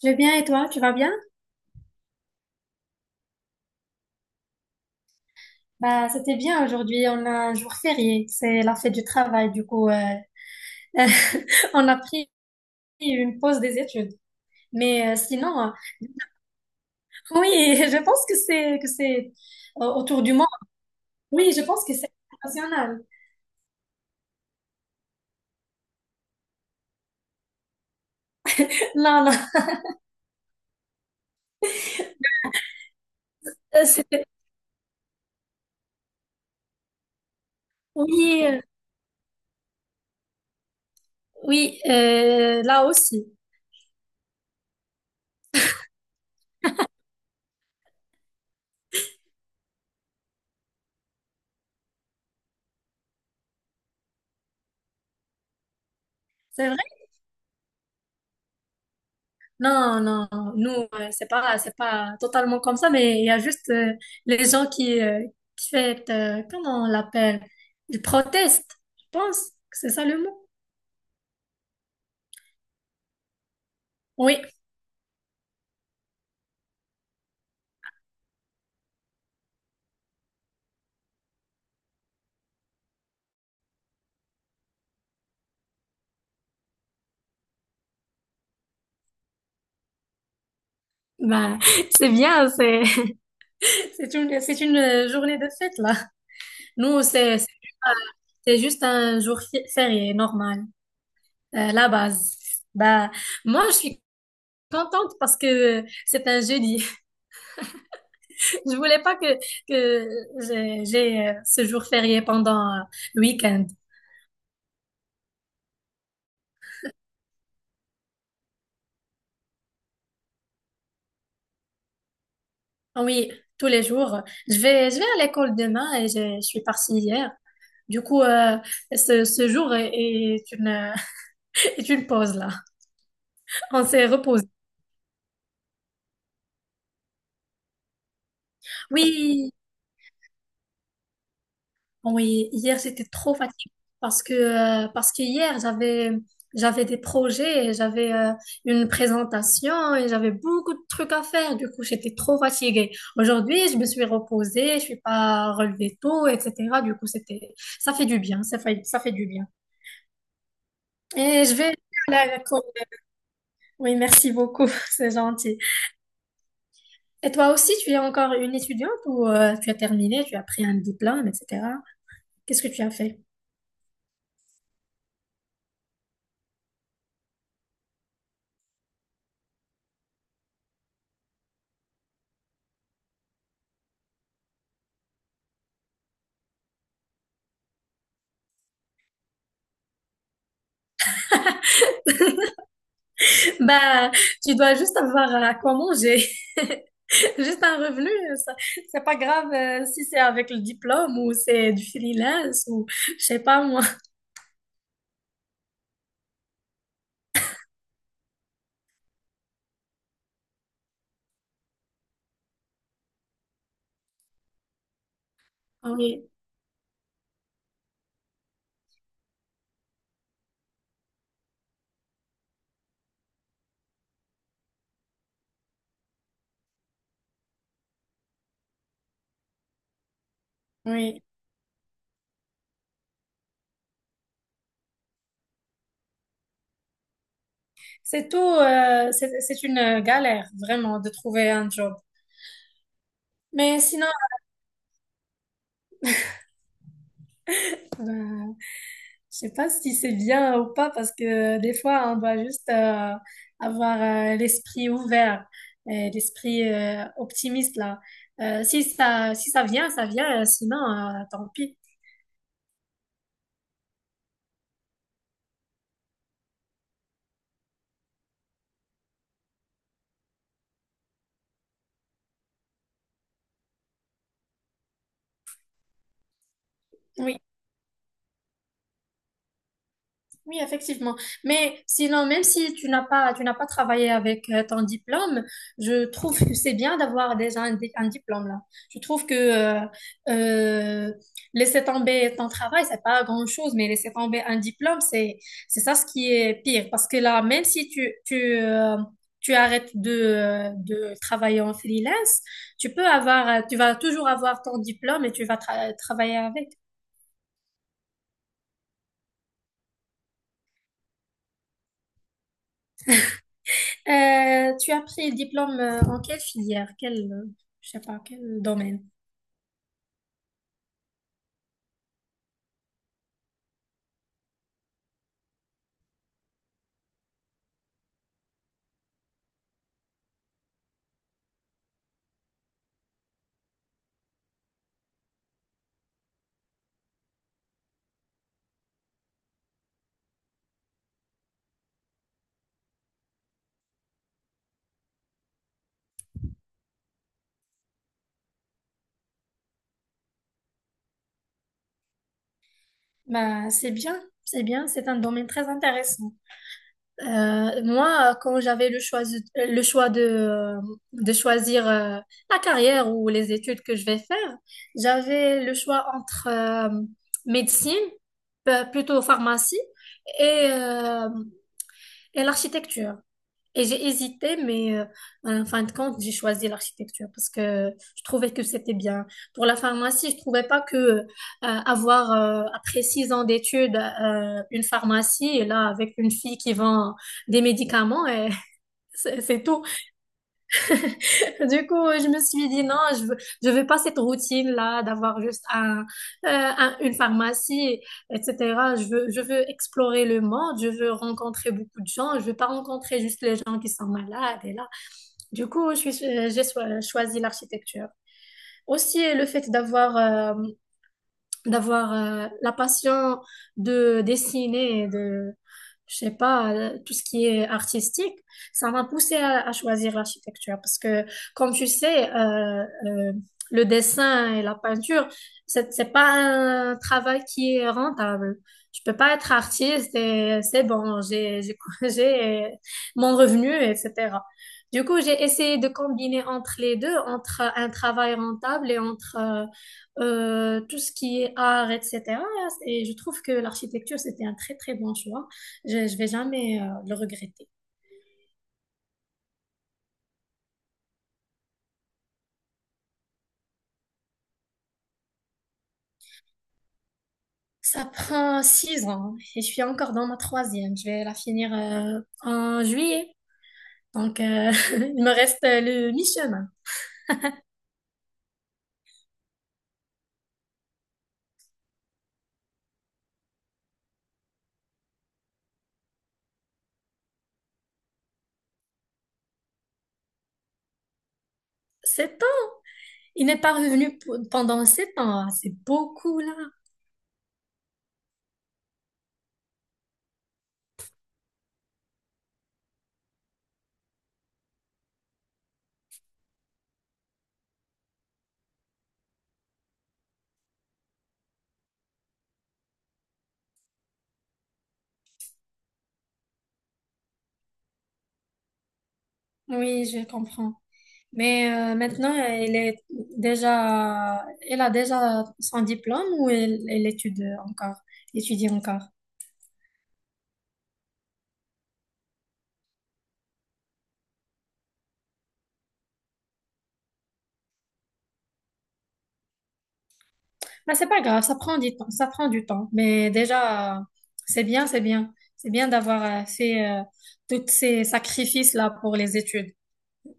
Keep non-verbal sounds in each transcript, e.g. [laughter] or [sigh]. Je vais bien et toi, tu vas bien? Bah, c'était bien aujourd'hui, on a un jour férié, c'est la fête du travail, du coup, [laughs] on a pris une pause des études. Mais sinon, oui, [laughs] je pense que c'est autour du monde. Oui, je pense que c'est international. [laughs] Là, là, euh, c'était- oui, oui, là aussi. C'est vrai. Non, non, nous, c'est pas totalement comme ça, mais il y a juste les gens qui fait, comment on l'appelle? Ils protestent, je pense que c'est ça le mot. Oui, bah [laughs] c'est bien, [laughs] c'est une journée de fête, là. Nous, c'est pas- c'est juste un jour férié, normal, la base. Bah moi, je suis contente parce que c'est un jeudi. Je voulais pas que ce jour férié pendant le week-end. Ah, oui, tous les jours. Je vais à l'école demain et je suis partie hier. Du coup, ce jour est [laughs] est une pause là. On s'est reposé. Oui. Oui, hier j'étais trop fatiguée parce que hier j'avais des projets, et j'avais une présentation et j'avais beaucoup de trucs à faire. Du coup, j'étais trop fatiguée. Aujourd'hui, je me suis reposée, je suis pas relevée tôt, etc. Du coup, c'était ça fait du bien, ça fait du bien. Et je vais la- Oui, merci beaucoup, [laughs] c'est gentil. Et toi aussi, tu es encore une étudiante ou tu as terminé, tu as pris un diplôme, etc. Qu'est-ce que tu as fait? Bah, tu dois juste avoir à quoi manger. [laughs] Juste un revenu, ça, c'est pas grave si c'est avec le diplôme ou c'est du freelance ou je sais pas moi. Oui, oui. C'est tout, c'est une galère vraiment de trouver un job. Mais sinon, ben, je sais pas si c'est bien ou pas parce que des fois, on doit juste avoir l'esprit ouvert, et l'esprit optimiste là. Si ça vient, ça vient, sinon, tant pis. Oui. Oui, effectivement. Mais sinon, même si tu n'as pas travaillé avec ton diplôme, je trouve que c'est bien d'avoir déjà un diplôme là. Je trouve que euh, laisser tomber ton travail, c'est pas grand-chose, mais laisser tomber un diplôme, c'est ça ce qui est pire. Parce que là, même si tu arrêtes de travailler en freelance, tu vas toujours avoir ton diplôme et tu vas travailler avec. Tu as pris le diplôme en quelle filière? Je sais pas, quel domaine? Bah, c'est bien, c'est bien, c'est un domaine très intéressant. Moi, quand j'avais le choix de choisir la carrière ou les études que je vais faire, j'avais le choix entre médecine, plutôt pharmacie, et, euh, et l'architecture. Et j'ai hésité, mais en fin de compte, j'ai choisi l'architecture parce que je trouvais que c'était bien. Pour la pharmacie, je trouvais pas que avoir après 6 ans d'études une pharmacie et là avec une fille qui vend des médicaments et [laughs] c'est tout. Du coup, je me suis dit non, je veux pas cette routine-là d'avoir juste une pharmacie, etc. Je veux explorer le monde, je veux rencontrer beaucoup de gens, je veux pas rencontrer juste les gens qui sont malades et là. Du coup, je suis- j'ai so- choisi l'architecture. Aussi, le fait euh, d'avoir la passion de dessiner, de, je sais pas, tout ce qui est artistique, ça m'a poussé à choisir l'architecture parce que, comme tu sais, le dessin et la peinture, c'est pas un travail qui est rentable. Je peux pas être artiste et c'est bon, [laughs] j'ai mon revenu, etc. Du coup, j'ai essayé de combiner entre les deux, entre un travail rentable et entre tout ce qui est art, etc. Et je trouve que l'architecture, c'était un très, très bon choix. Je vais jamais le regretter. Ça prend 6 ans hein, et je suis encore dans ma troisième. Je vais la finir en juillet. Donc, [laughs] il me reste le mi-chemin. 7 ans? Il n'est pas revenu pendant 7 ans. Ah, c'est beaucoup, là. Oui, je comprends. Mais maintenant, elle a déjà son diplôme ou elle étudie encore, étudie encore? Mais c'est pas grave, ça prend du temps, ça prend du temps. Mais déjà, c'est bien, c'est bien. C'est bien d'avoir fait tous ces sacrifices-là pour les études.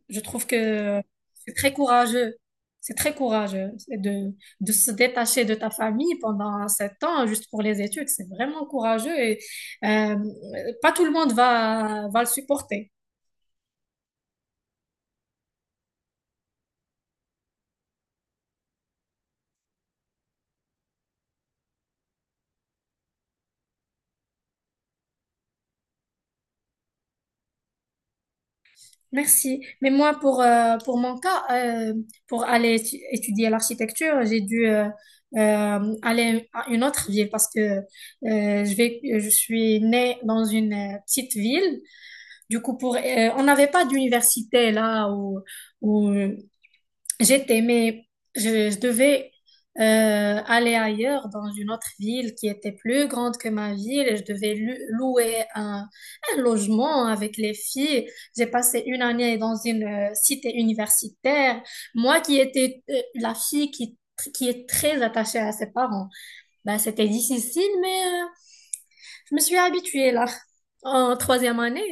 Je trouve que c'est très courageux. C'est très courageux. C'est de se détacher de ta famille pendant 7 ans juste pour les études. C'est vraiment courageux et euh, pas tout le monde va le supporter. Merci. Mais moi, pour mon cas, pour aller étudier l'architecture, j'ai dû aller à une autre ville parce que je suis née dans une petite ville. Du coup, on n'avait pas d'université là où j'étais, mais je devais euh, aller ailleurs dans une autre ville qui était plus grande que ma ville et je devais louer un logement avec les filles. J'ai passé une année dans une cité universitaire. Moi qui étais la fille qui est très attachée à ses parents, bah, c'était difficile, mais je me suis habituée là. En troisième année,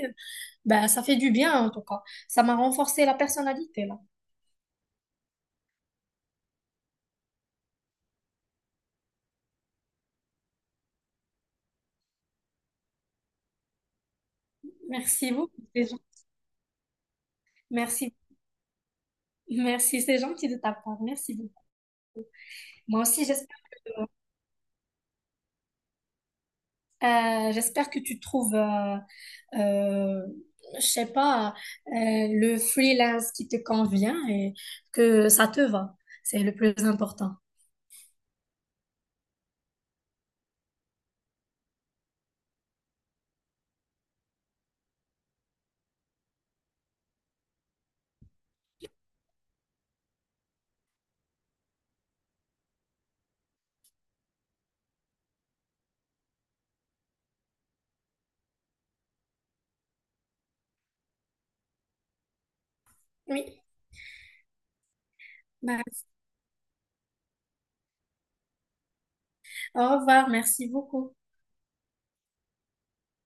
bah, ça fait du bien en tout cas. Ça m'a renforcé la personnalité là. Merci beaucoup. Merci. Merci, c'est gentil de ta part. Merci beaucoup. Moi aussi, que, j'espère que tu trouves, euh, je sais pas, le freelance qui te convient et que ça te va. C'est le plus important. Oui. Bah, au revoir. Merci beaucoup.